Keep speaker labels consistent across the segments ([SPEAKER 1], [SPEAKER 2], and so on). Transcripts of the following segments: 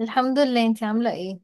[SPEAKER 1] الحمد لله. انتي عاملة ايه؟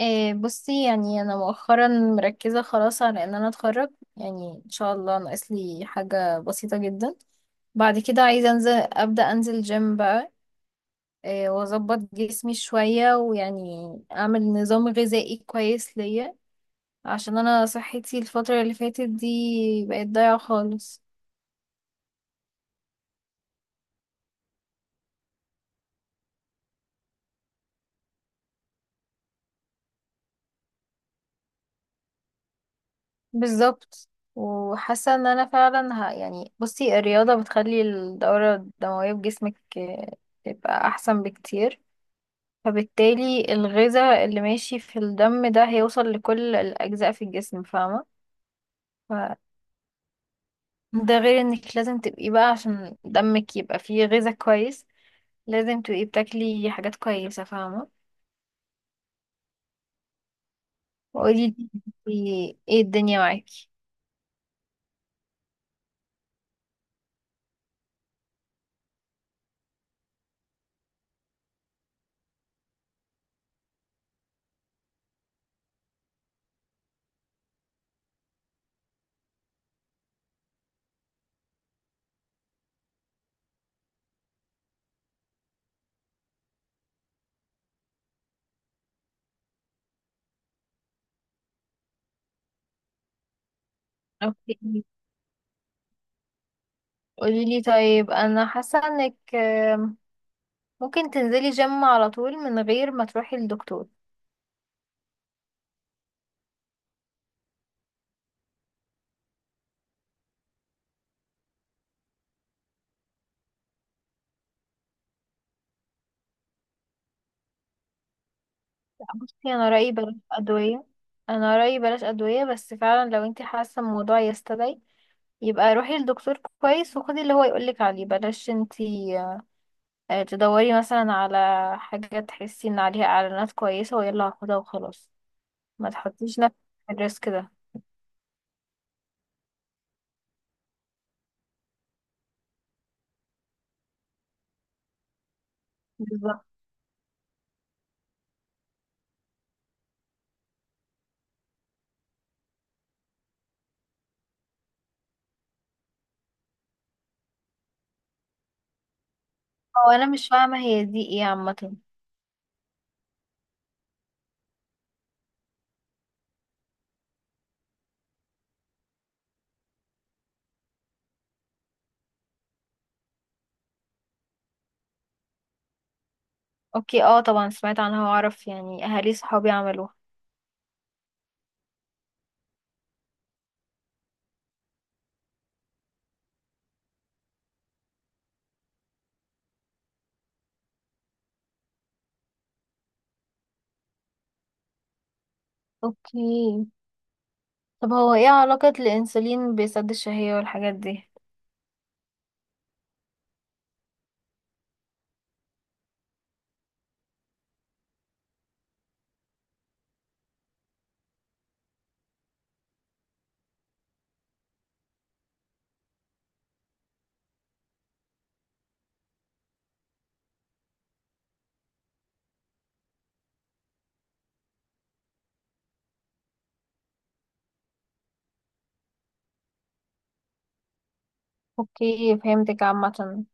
[SPEAKER 1] إيه بصي، يعني انا مؤخرا مركزة خلاص على ان انا اتخرج. يعني ان شاء الله ناقص لي حاجة بسيطة جدا. بعد كده عايزة انزل، ابدأ انزل جيم بقى. إيه واظبط جسمي شوية، ويعني اعمل نظام غذائي كويس ليا، عشان انا صحتي الفترة اللي فاتت دي بقت ضايعة خالص. بالظبط. وحاسه ان انا فعلا يعني بصي الرياضه بتخلي الدوره الدمويه في جسمك تبقى احسن بكتير، فبالتالي الغذاء اللي ماشي في الدم ده هيوصل لكل الاجزاء في الجسم، فاهمه. ف- ده غير انك لازم تبقي بقى عشان دمك يبقى فيه غذاء كويس، لازم تبقي بتاكلي حاجات كويسه، فاهمه. وقولي لي ايه الدنيا معاكي. اوكي، قولي لي. طيب انا حاسه انك ممكن تنزلي جيم على طول من غير ما تروحي للدكتور. لا، بصي انا رأيي بلاش ادوية. انا رأيي بلاش ادوية، بس فعلا لو انتي حاسة الموضوع يستدعي، يبقى روحي للدكتور كويس وخدي اللي هو يقولك عليه. بلاش انتي تدوري مثلا على حاجة تحسي ان عليها اعلانات كويسة ويلا هاخدها وخلاص. ما تحطيش نفسك في الريسك ده. بالظبط. او انا مش فاهمة هي دي ايه عامة؟ اوكي، اه طبعا سمعت عنها واعرف، يعني اهالي صحابي عملوها. اوكي، طب هو ايه علاقة الانسولين بسد الشهية والحاجات دي؟ اوكي، فهمتك عامة.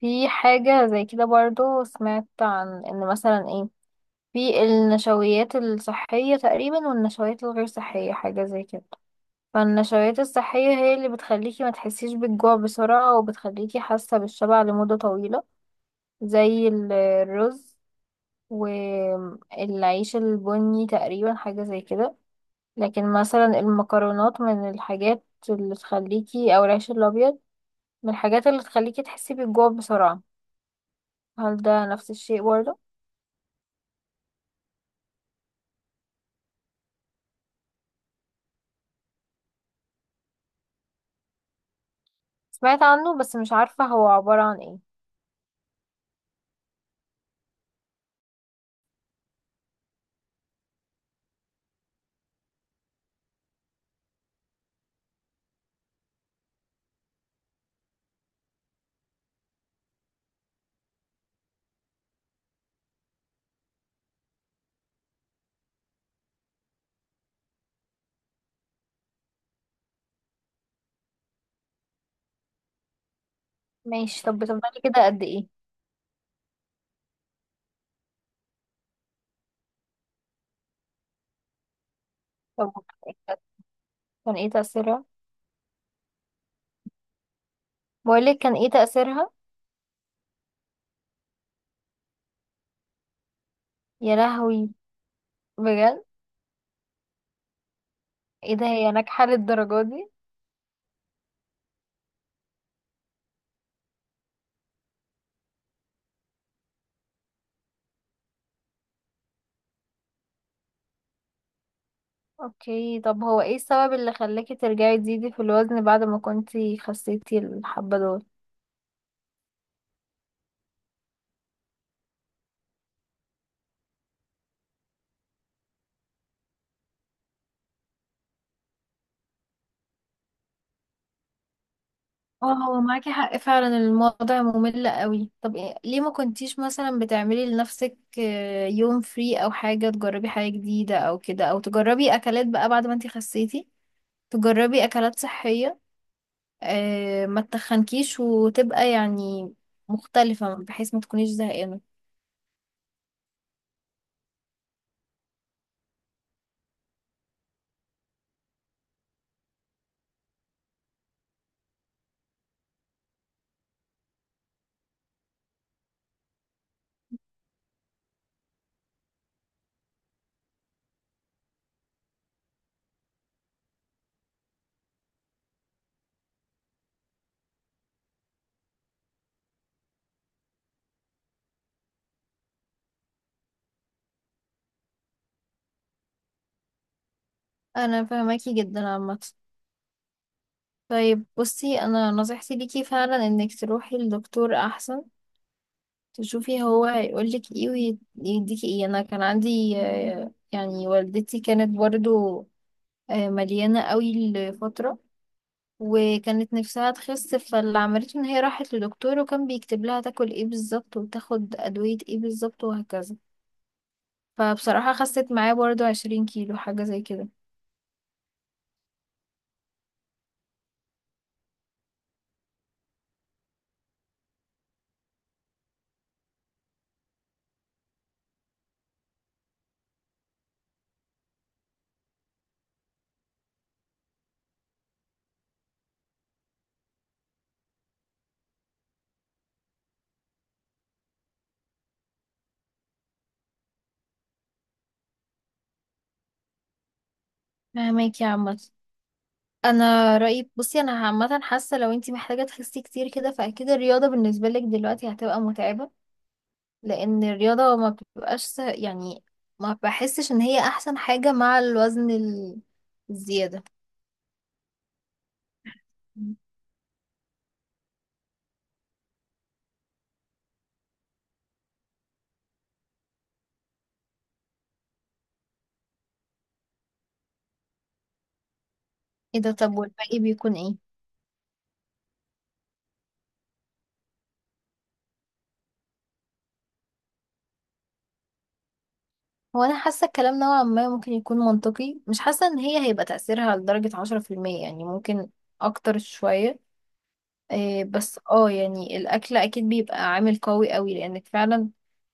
[SPEAKER 1] في حاجة زي كده برضو، سمعت عن ان مثلا ايه، في النشويات الصحية تقريبا والنشويات الغير صحية، حاجة زي كده. فالنشويات الصحية هي اللي بتخليكي ما تحسيش بالجوع بسرعة وبتخليكي حاسة بالشبع لمدة طويلة، زي الرز والعيش البني تقريبا، حاجة زي كده. لكن مثلا المكرونات من الحاجات اللي تخليكي، او العيش الابيض من الحاجات اللي تخليكي تحسي بالجوع بسرعة. هل ده نفس الشيء برضه؟ سمعت عنه بس مش عارفة هو عبارة عن ايه. ماشي، طب بتفضلي كده قد ايه؟ طب كان ايه تأثيرها؟ بقولك كان ايه تأثيرها؟ يا لهوي، بجد؟ ايه ده، هي ناجحة للدرجة دي؟ اوكي، طب هو ايه السبب اللي خلاكي ترجعي تزيدي في الوزن بعد ما كنتي خسيتي الحبة دول؟ اه معاكي حق فعلا، الموضوع ممل قوي. طب ليه ما كنتيش مثلا بتعملي لنفسك يوم فري، او حاجة تجربي حاجة جديدة، او كده، او تجربي اكلات بقى بعد ما انتي خسيتي، تجربي اكلات صحية ما تتخنكيش، وتبقى يعني مختلفة بحيث ما تكونيش زهقانة. انا فهماكي جدا عامة. طيب بصي، انا نصيحتي ليكي فعلا انك تروحي لدكتور احسن، تشوفي هو هيقولك ايه ويديكي ايه. انا كان عندي يعني والدتي كانت برضو مليانة قوي لفترة، وكانت نفسها تخس، فاللي عملته ان هي راحت لدكتور وكان بيكتب لها تاكل ايه بالظبط وتاخد ادوية ايه بالظبط وهكذا. فبصراحة خست معاه برضو 20 كيلو، حاجة زي كده. فهماكي يا عامة. انا رأيي، بصي انا عامة حاسة لو انتي محتاجة تخسي كتير كده، فاكيد الرياضة بالنسبة لك دلوقتي هتبقى متعبة، لان الرياضة ما بتبقاش يعني ما بحسش ان هي احسن حاجة مع الوزن الزيادة. ايه ده، طب والباقي بيكون ايه؟ هو انا حاسة الكلام نوعا ما ممكن يكون منطقي، مش حاسة ان هي هيبقى تأثيرها لدرجة 10%، يعني ممكن اكتر شوية. إيه، بس اه يعني الاكل اكيد بيبقى عامل قوي قوي، لانك فعلا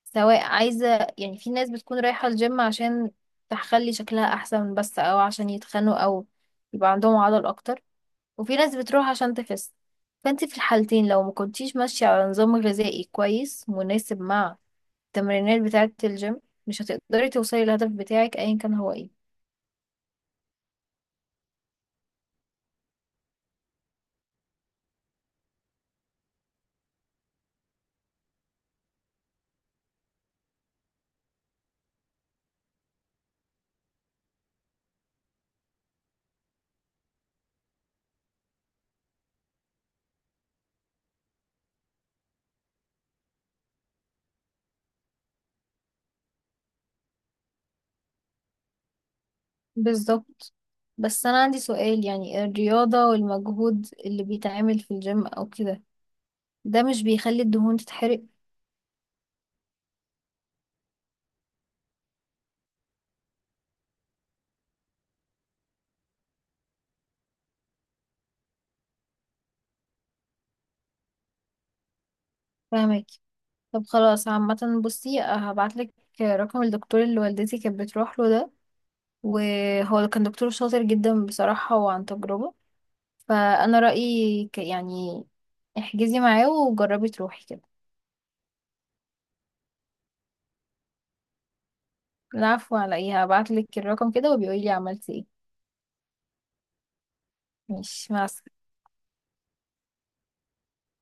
[SPEAKER 1] سواء عايزة، يعني في ناس بتكون رايحة الجيم عشان تخلي شكلها احسن بس، او عشان يتخنوا، او يبقى عندهم عضل اكتر، وفي ناس بتروح عشان تخس، فانت في الحالتين لو ما كنتيش ماشية على نظام غذائي كويس مناسب مع التمرينات بتاعة الجيم، مش هتقدري توصلي للهدف بتاعك ايا كان هو ايه. بالظبط. بس انا عندي سؤال، يعني الرياضة والمجهود اللي بيتعمل في الجيم او كده، ده مش بيخلي الدهون تتحرق؟ فاهمك. طب خلاص عامة، بصي هبعتلك رقم الدكتور اللي والدتي كانت بتروح له ده، وهو كان دكتور شاطر جدا بصراحة وعن تجربة، فانا رأيي يعني احجزي معاه وجربي تروحي كده. العفو، على ايه. هبعتلك الرقم كده، وبيقولي لي عملتي ايه. ماشي، مع السلامة.